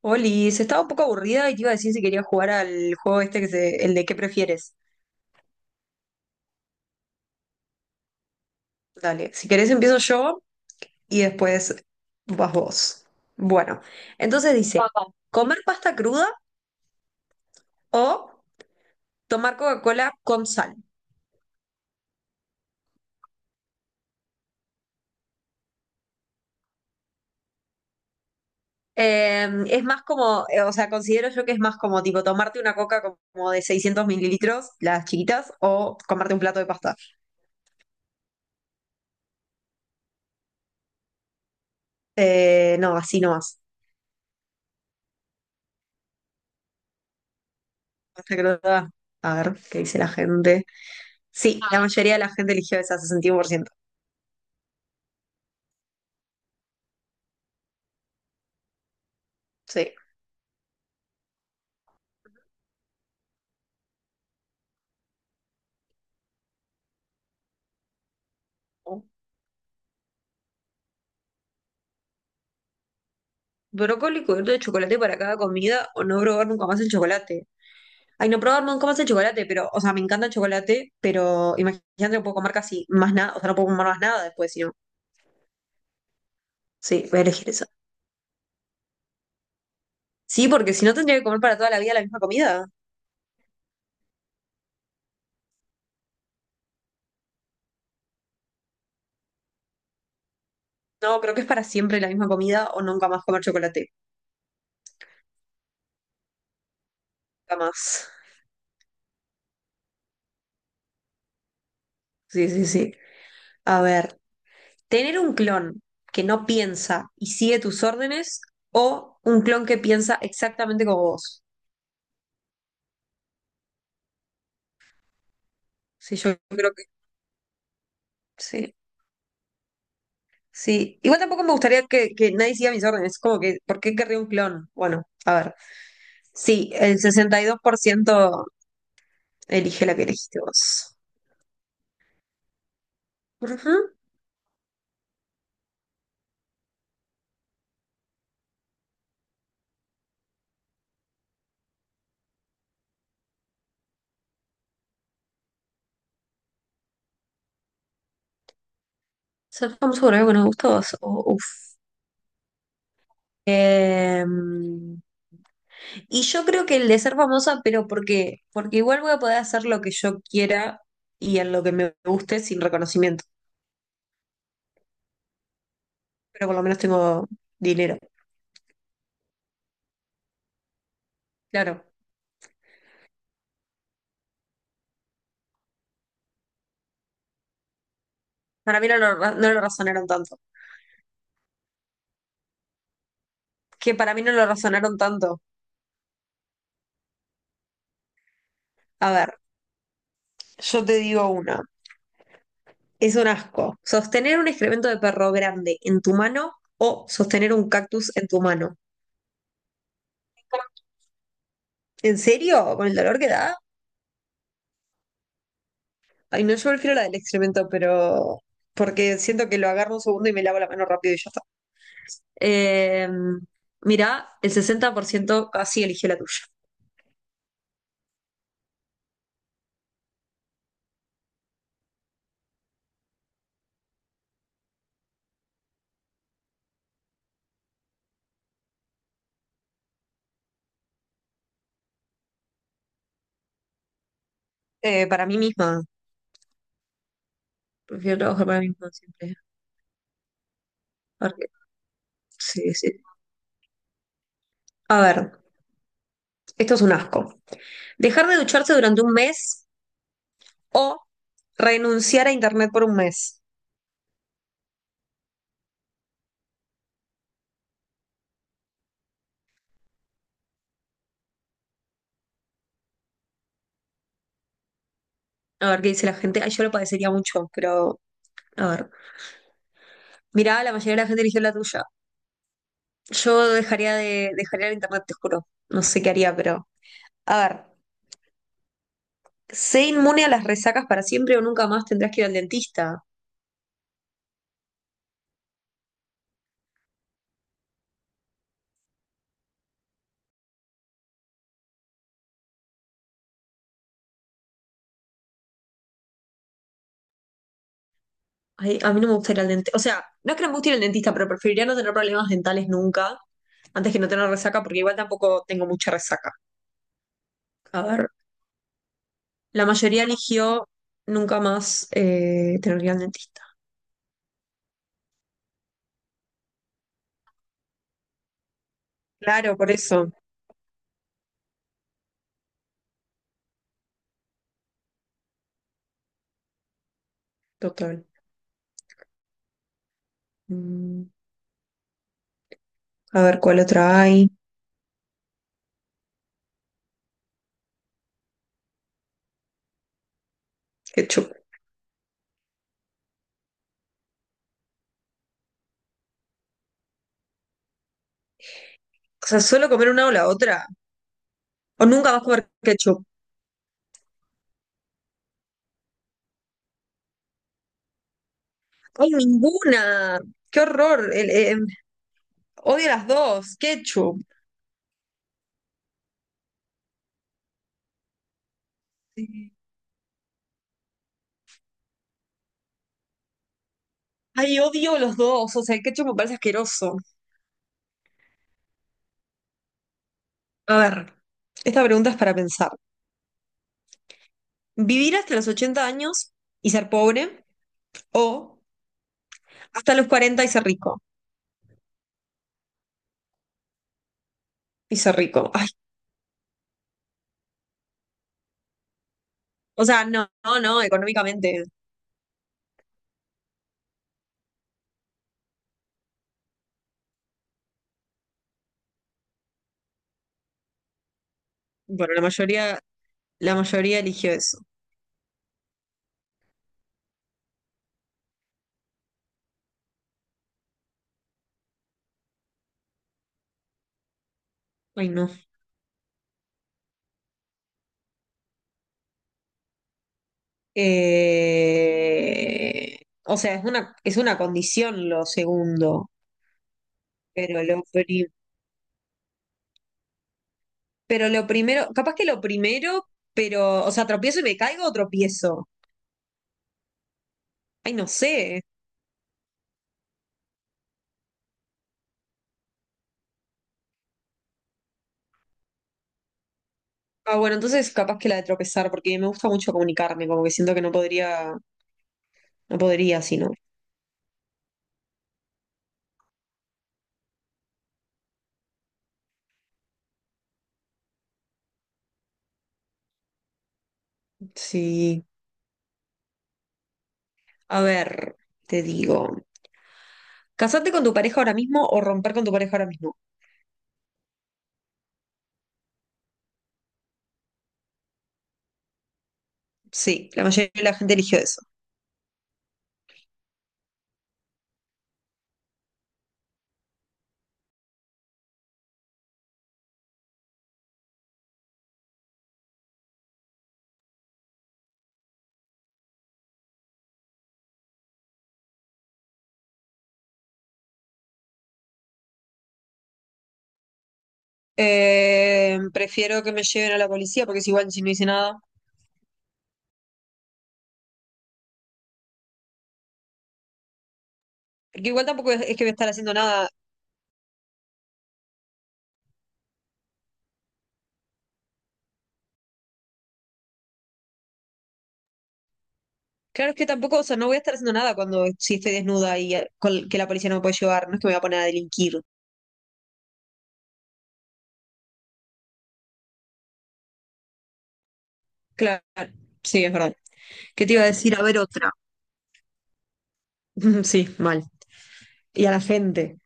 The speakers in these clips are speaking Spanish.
Oli, se estaba un poco aburrida y te iba a decir si quería jugar al juego este el de qué prefieres. Dale, si querés empiezo yo y después vas vos. Bueno, entonces dice, Vamos. ¿Comer pasta cruda o tomar Coca-Cola con sal? Es más como, o sea, considero yo que es más como tipo tomarte una coca como de 600 ml, las chiquitas, o comerte un plato de pasta. No, así no más. Pasta cruda. A ver, ¿qué dice la gente? Sí, la ah, mayoría de la gente eligió esa, 61%. Sí. Brócoli cubierto de chocolate para cada comida o no probar nunca más el chocolate. Ay, no probar nunca más el chocolate, pero, o sea, me encanta el chocolate, pero imagínate, no puedo comer casi más nada, o sea, no puedo comer más nada después, si no. Sí, voy a elegir eso. Sí, porque si no tendría que comer para toda la vida la misma comida. No, creo que es para siempre la misma comida o nunca más comer chocolate. Nunca más. Sí, sí, sí. A ver, tener un clon que no piensa y sigue tus órdenes o un clon que piensa exactamente como vos. Sí, yo creo que sí. Sí, igual tampoco me gustaría que nadie siga mis órdenes, como que, ¿por qué querría un clon? Bueno, a ver, sí, el 62% elige la que elegiste vos. Ujú. Ser famoso por algo que nos gusta a vos. Uf. Em, y yo creo que el de ser famosa, pero porque igual voy a poder hacer lo que yo quiera y en lo que me guste sin reconocimiento, pero por lo menos tengo dinero. Claro, para mí no lo razonaron tanto. Que para mí no lo razonaron tanto. A ver, yo te digo una. Es un asco. Sostener un excremento de perro grande en tu mano o sostener un cactus en tu mano. ¿En serio? ¿Con el dolor que da? Ay, no, yo prefiero la del excremento, pero porque siento que lo agarro un segundo y me lavo la mano rápido y ya está. Eh, Mirá, el 60% casi eligió la tuya. Para mí misma, prefiero trabajar para mí misma siempre. Porque- sí, sí. A ver, esto es un asco. Dejar de ducharse durante un mes o renunciar a internet por un mes. A ver qué dice la gente. Ay, yo lo padecería mucho, pero a ver. Mirá, la mayoría de la gente eligió la tuya. Yo dejaría el internet, te juro. No sé qué haría, pero. A ver, sé inmune a las resacas para siempre o nunca más tendrás que ir al dentista. Ay, a mí no me gusta ir al dentista. O sea, no es que no me guste ir al dentista, pero preferiría no tener problemas dentales nunca, antes que no tener resaca, porque igual tampoco tengo mucha resaca. A ver, la mayoría eligió nunca más tener que ir al dentista. Claro, por eso. Total. Mm. A ver cuál otra hay. Ketchup. O sea, solo comer una o la otra. O nunca vas a comer ketchup. ¡Ay, ninguna! ¡Qué horror! Odio las dos. Ketchup. Ay, odio los dos. O sea, el ketchup me parece asqueroso. A ver, esta pregunta es para pensar. ¿Vivir hasta los 80 años y ser pobre? ¿O hasta los 40 y ser rico? Y ser rico. Ay, o sea, no, no, no, económicamente. Bueno, la mayoría eligió eso. Ay, no. Eh, o sea, es una condición lo segundo, pero lo, pri- pero lo primero, capaz que lo primero, pero, o sea, tropiezo y me caigo o tropiezo. Ay, no sé. Ah, bueno, entonces capaz que la de tropezar, porque me gusta mucho comunicarme, como que siento que no podría, sino. Sí. A ver, te digo. ¿Casarte con tu pareja ahora mismo o romper con tu pareja ahora mismo? Sí, la mayoría de la gente eligió eso. Prefiero que me lleven a la policía porque es igual si no hice nada. Porque igual tampoco es que voy a estar haciendo nada. Claro, es que tampoco, o sea, no voy a estar haciendo nada cuando si estoy desnuda y que la policía no me puede llevar. No es que me voy a poner a delinquir. Claro, sí, es verdad. ¿Qué te iba a decir? A ver otra. Sí, mal. Y a la gente.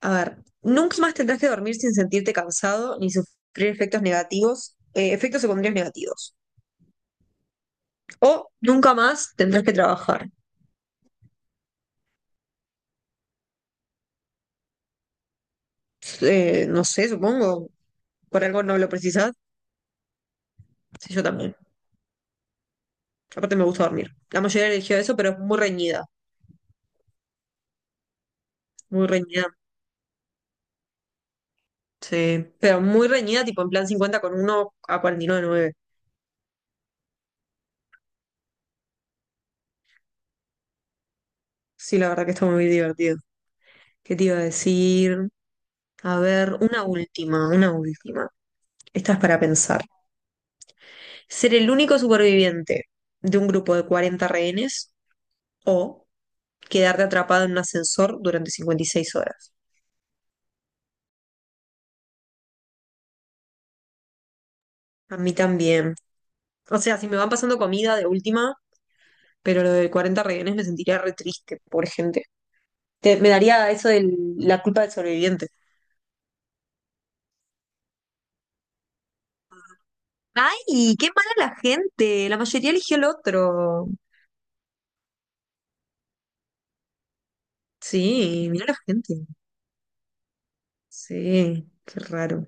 A ver, nunca más tendrás que dormir sin sentirte cansado ni sufrir efectos secundarios negativos. O nunca más tendrás que trabajar. No sé, supongo. Por algo no lo precisas, sí, yo también. Aparte me gusta dormir. La mayoría eligió eso, pero es muy reñida, muy reñida. Sí, pero muy reñida, tipo en plan 50 con uno a cuarenta y nueve. Sí, la verdad que está muy divertido. ¿Qué te iba a decir? A ver, una última, una última. Esta es para pensar. ¿Ser el único superviviente de un grupo de 40 rehenes o quedarte atrapado en un ascensor durante 56 horas? A mí también. O sea, si me van pasando comida de última, pero lo de 40 rehenes me sentiría re triste, pobre gente. Me daría eso de la culpa del sobreviviente. ¡Ay, qué mala la gente! La mayoría eligió el otro. Sí, mira la gente. Sí, qué raro.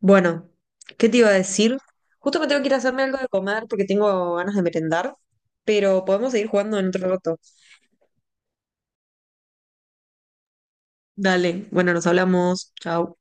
Bueno, ¿qué te iba a decir? Justo me tengo que ir a hacerme algo de comer porque tengo ganas de merendar, pero podemos seguir jugando en otro rato. Dale, bueno, nos hablamos. Chao.